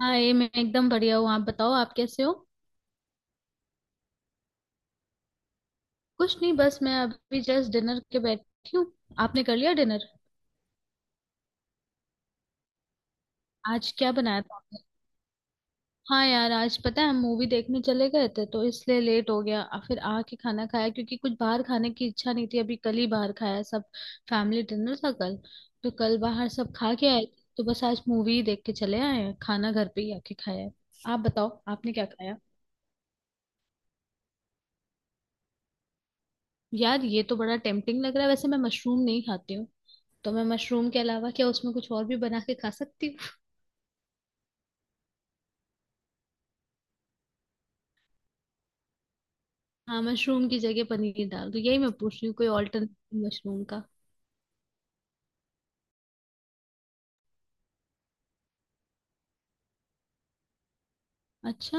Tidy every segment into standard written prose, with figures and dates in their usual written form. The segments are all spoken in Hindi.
हाँ, ये मैं एकदम बढ़िया हूँ। आप बताओ, आप कैसे हो। कुछ नहीं, बस मैं अभी जस्ट डिनर के बैठी हूँ। आपने कर लिया डिनर। आज क्या बनाया था आपने। हाँ यार, आज पता है हम मूवी देखने चले गए थे तो इसलिए लेट हो गया, और फिर आके खाना खाया क्योंकि कुछ बाहर खाने की इच्छा नहीं थी। अभी कल ही बाहर खाया सब। फैमिली डिनर था कल। तो कल बाहर सब खा के आए थे, तो बस आज मूवी ही देख के चले आए हैं, खाना घर पे ही आके खाया है। आप बताओ आपने क्या खाया। यार ये तो बड़ा टेम्पटिंग लग रहा है, वैसे मैं मशरूम नहीं खाती हूँ। तो मैं मशरूम के अलावा क्या उसमें कुछ और भी बना के खा सकती हूँ। हाँ, मशरूम की जगह पनीर डाल दो, यही मैं पूछ रही हूँ, कोई ऑल्टरनेटिव मशरूम का। अच्छा।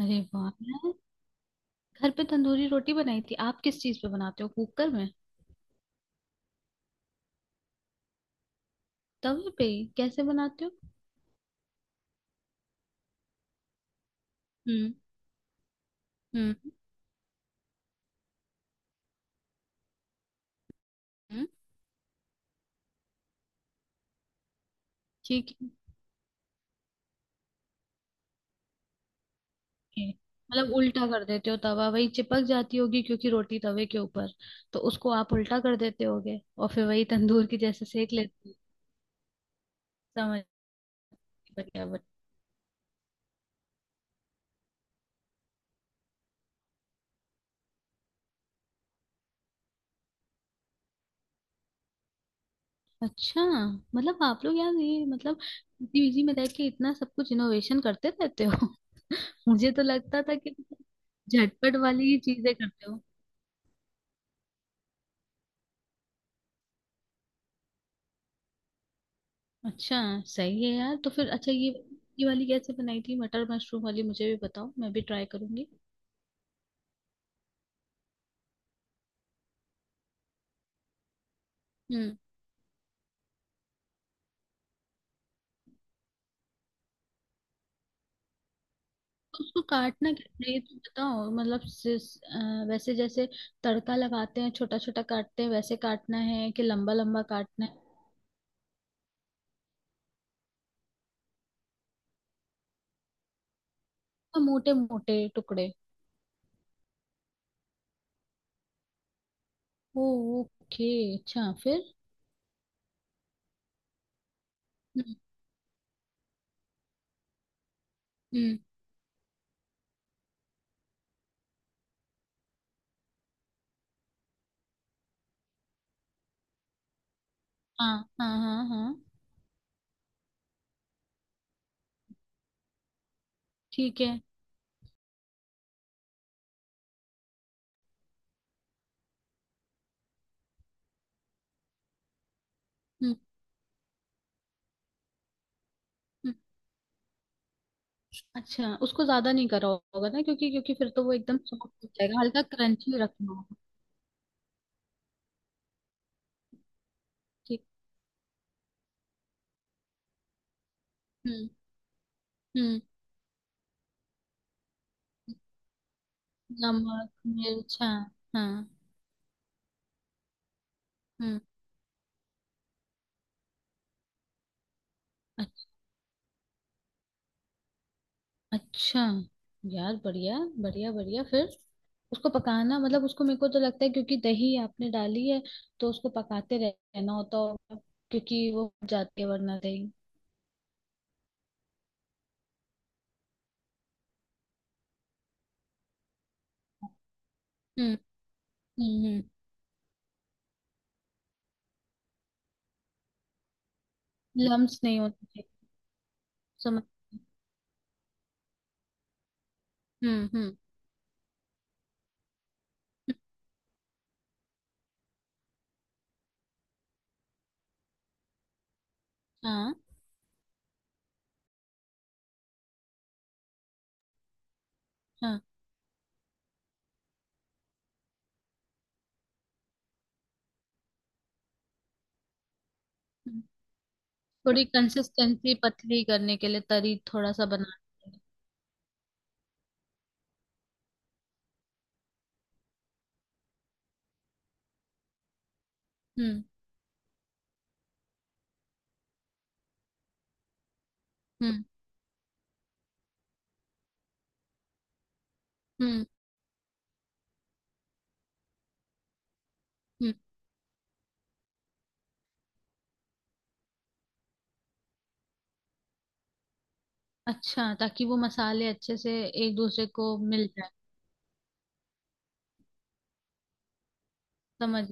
अरे वाह यार। घर पे तंदूरी रोटी बनाई थी, आप किस चीज पे बनाते हो, कुकर में। तवे पे ही कैसे बनाते हो। हम्म। हम्म। हम्म, ठीक है। ठीक है। मतलब उल्टा कर देते हो तवा, वही चिपक जाती होगी क्योंकि रोटी तवे के ऊपर। तो उसको आप उल्टा कर देते होगे और फिर वही तंदूर की जैसे सेक लेते हो। समझ। बढ़िया बढ़िया। अच्छा। मतलब आप लोग यार, ये मतलब पीजी में रह के इतना सब कुछ इनोवेशन करते रहते हो। मुझे तो लगता था कि झटपट वाली ही चीजें करते हो। अच्छा। सही है यार, तो फिर अच्छा, ये वाली कैसे बनाई थी मटर मशरूम वाली, मुझे भी बताओ, मैं भी ट्राई करूंगी। हम्म। तो उसको काटना कैसे है ये तो बताओ, मतलब वैसे जैसे तड़का लगाते हैं छोटा छोटा काटते हैं वैसे काटना है कि लंबा लंबा काटना है। मोटे मोटे टुकड़े। ओ। ओके। अच्छा। फिर। हम्म। हम्म। हाँ हाँ हाँ हाँ। ठीक है। हम्म। हम्म, अच्छा उसको ज्यादा नहीं करा होगा ना, क्योंकि क्योंकि फिर तो वो एकदम सॉफ्ट हो जाएगा, हल्का क्रंची रखना होगा। ठीक। हम्म। हम्म। नमक मिर्च, हाँ। हाँ। हम्म। अच- अच्छा। यार बढ़िया बढ़िया बढ़िया। फिर उसको पकाना, मतलब उसको, मेरे को तो लगता है क्योंकि दही आपने डाली है, तो उसको पकाते रहना होता होगा, क्योंकि वो फट जाती है वरना दही। हम्म। हम्म। हम्म। लम्स नहीं होते। समझ। हम्म। हम्म। हाँ। हाँ। हम्म, तो थोड़ी कंसिस्टेंसी पतली करने के लिए, तरी थोड़ा सा बनाने के लिए। हम्म। हम्म। हम्म। हम्म। अच्छा, ताकि वो मसाले अच्छे से एक दूसरे को मिल जाए। समझ।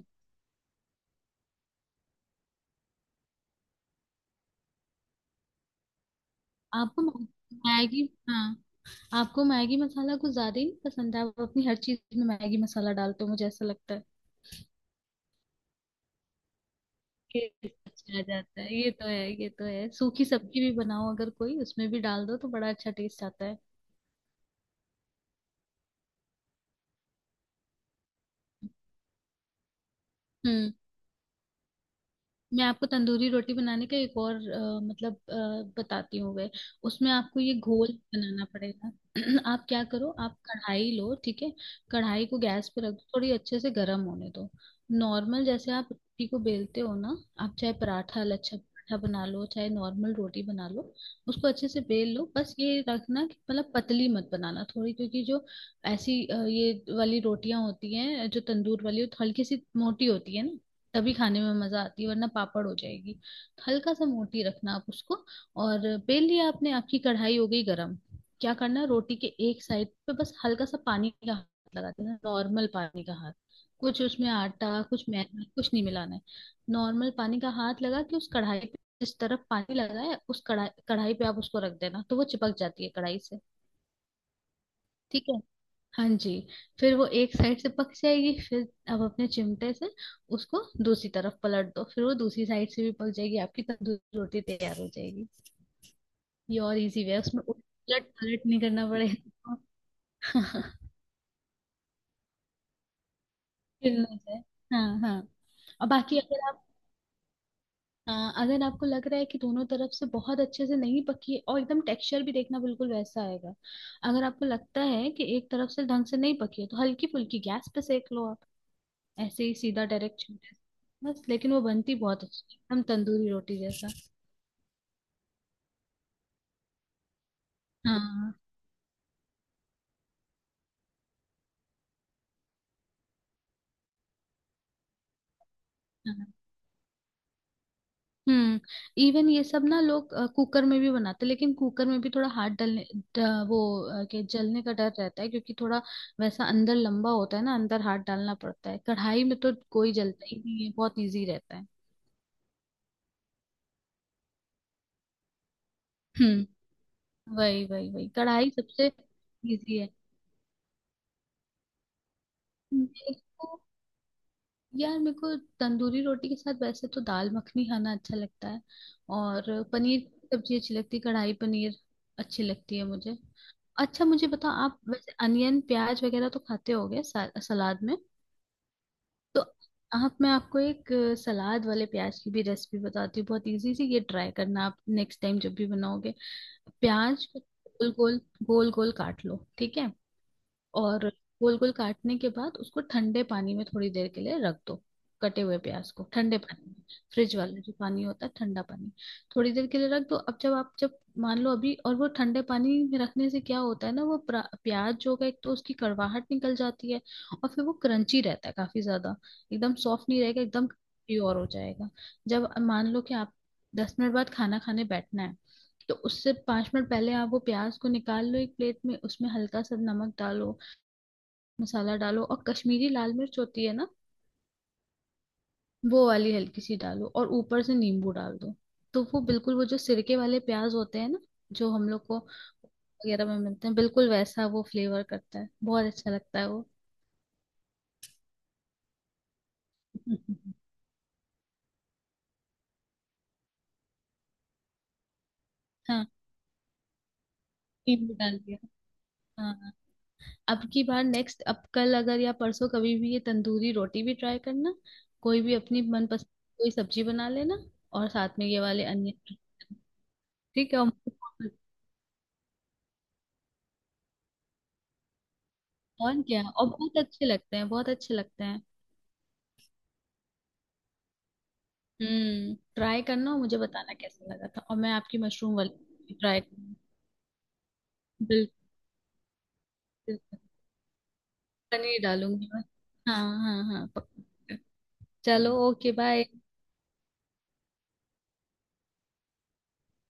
आपको म- मैगी। हाँ। आपको मैगी मसाला कुछ ज्यादा ही नहीं पसंद है, आप अपनी हर चीज में मैगी मसाला डालते हो, मुझे ऐसा लगता है। ये अच्छा आ जाता है, ये तो है, ये तो है। सूखी सब्जी भी बनाओ, अगर कोई उसमें भी डाल दो तो बड़ा अच्छा टेस्ट आता है। हम्म। मैं आपको तंदूरी रोटी बनाने का एक और मतलब बताती हूँ गए। उसमें आपको ये घोल बनाना पड़ेगा। आप क्या करो, आप कढ़ाई लो, ठीक है। कढ़ाई को गैस पे रख दो, थोड़ी अच्छे से गर्म होने दो। नॉर्मल जैसे आप रोटी को बेलते हो ना, आप चाहे पराठा, लच्छा पराठा बना लो, चाहे नॉर्मल रोटी बना लो। उसको अच्छे से बेल लो, बस ये रखना कि मतलब पतली मत बनाना थोड़ी, क्योंकि जो ऐसी ये वाली रोटियां होती हैं जो तंदूर वाली, वो हल्की सी मोटी होती है ना, तभी खाने में मजा आती है वरना पापड़ हो जाएगी। तो हल्का सा मोटी रखना आप उसको। और बेल लिया आपने, आपकी कढ़ाई हो गई गरम। क्या करना है, रोटी के एक साइड पे बस हल्का सा पानी का हाथ लगा देना, नॉर्मल पानी का हाथ। कुछ उसमें आटा, कुछ मैदा, कुछ नहीं मिलाना है। नॉर्मल पानी का हाथ लगा के उस कढ़ाई पे, जिस तरफ पानी लगा है उस कढ़ाई कढ़ाई पे आप उसको रख देना, तो वो चिपक जाती है कढ़ाई से। ठीक है। हाँ जी। फिर वो एक साइड से पक जाएगी, फिर अब अपने चिमटे से उसको दूसरी तरफ पलट दो, फिर वो दूसरी साइड से भी पक जाएगी, आपकी तंदूरी रोटी तैयार हो जाएगी। ये और इजी वे है, उसमें उलट पलट नहीं करना पड़ेगा। फिर ना जाए। हाँ। हाँ। और बाकी अगर आप, हाँ, अगर आपको लग रहा है कि दोनों तरफ से बहुत अच्छे से नहीं पकी है, और एकदम टेक्सचर भी देखना बिल्कुल वैसा आएगा। अगर आपको लगता है कि एक तरफ से ढंग से नहीं पकी है तो हल्की फुल्की गैस पे सेक लो, ऐसे ही सीधा डायरेक्ट छूट है। बस लेकिन वो बनती बहुत अच्छी है, हम तंदूरी रोटी जैसा। हाँ। हाँ। हम्म। इवन ये सब ना लोग कुकर में भी बनाते, लेकिन कुकर में भी थोड़ा हाथ डलने वो के जलने का डर रहता है, क्योंकि थोड़ा वैसा अंदर लंबा होता है ना, अंदर हाथ डालना पड़ता है, कढ़ाई में तो कोई जलता ही नहीं है, बहुत इजी रहता है। हम्म। वही वही वही, कढ़ाई सबसे इजी है। यार मेरे को तंदूरी रोटी के साथ वैसे तो दाल मखनी खाना अच्छा लगता है, और पनीर की सब्जी अच्छी लगती है, कढ़ाई पनीर अच्छी लगती है मुझे। अच्छा, मुझे बताओ, आप वैसे अनियन प्याज वगैरह तो खाते होगे सलाद में। तो आप, मैं आपको एक सलाद वाले प्याज की भी रेसिपी बताती हूँ, बहुत इजी सी, ये ट्राई करना आप नेक्स्ट टाइम जब भी बनाओगे। प्याज को गोल गोल गोल गोल काट लो, ठीक है। और गोल गोल काटने के बाद उसको ठंडे पानी में थोड़ी देर के लिए रख दो, कटे हुए प्याज को ठंडे पानी में। फ्रिज वाला जो पानी होता है, ठंडा पानी, थोड़ी देर के लिए रख दो। अब जब आप, जब मान लो अभी, और वो ठंडे पानी में रखने से क्या होता है ना, वो प्याज जो होगा, एक तो उसकी कड़वाहट निकल जाती है, और फिर वो क्रंची रहता है काफी ज्यादा, एकदम सॉफ्ट नहीं रहेगा, एकदम प्योर हो जाएगा। जब मान लो कि आप 10 मिनट बाद खाना खाने बैठना है, तो उससे 5 मिनट पहले आप वो प्याज को निकाल लो एक प्लेट में, उसमें हल्का सा नमक डालो, मसाला डालो, और कश्मीरी लाल मिर्च होती है ना, वो वाली हल्की सी डालो और ऊपर से नींबू डाल दो। तो वो बिल्कुल वो जो सिरके वाले प्याज होते हैं ना, जो हम लोग को वगैरह में मिलते हैं, बिल्कुल वैसा वो फ्लेवर करता है, बहुत अच्छा लगता है वो। हाँ, नींबू डाल दिया। हाँ। हाँ। अब की बार नेक्स्ट, अब कल अगर या परसों कभी भी ये तंदूरी रोटी भी ट्राई करना, कोई भी अपनी मनपसंद कोई सब्जी बना लेना, और साथ में ये वाले अन्य। ठीक है। और क्या, और बहुत अच्छे लगते हैं, बहुत अच्छे लगते हैं। हम्म, ट्राई करना और मुझे बताना कैसा लगा था, और मैं आपकी मशरूम वाली ट्राई करूंगी। बिल्कुल। बिल्कुल। पनीर डालूंगी मैं। हाँ। हाँ। हाँ। पक्का। चलो। ओके। बाय।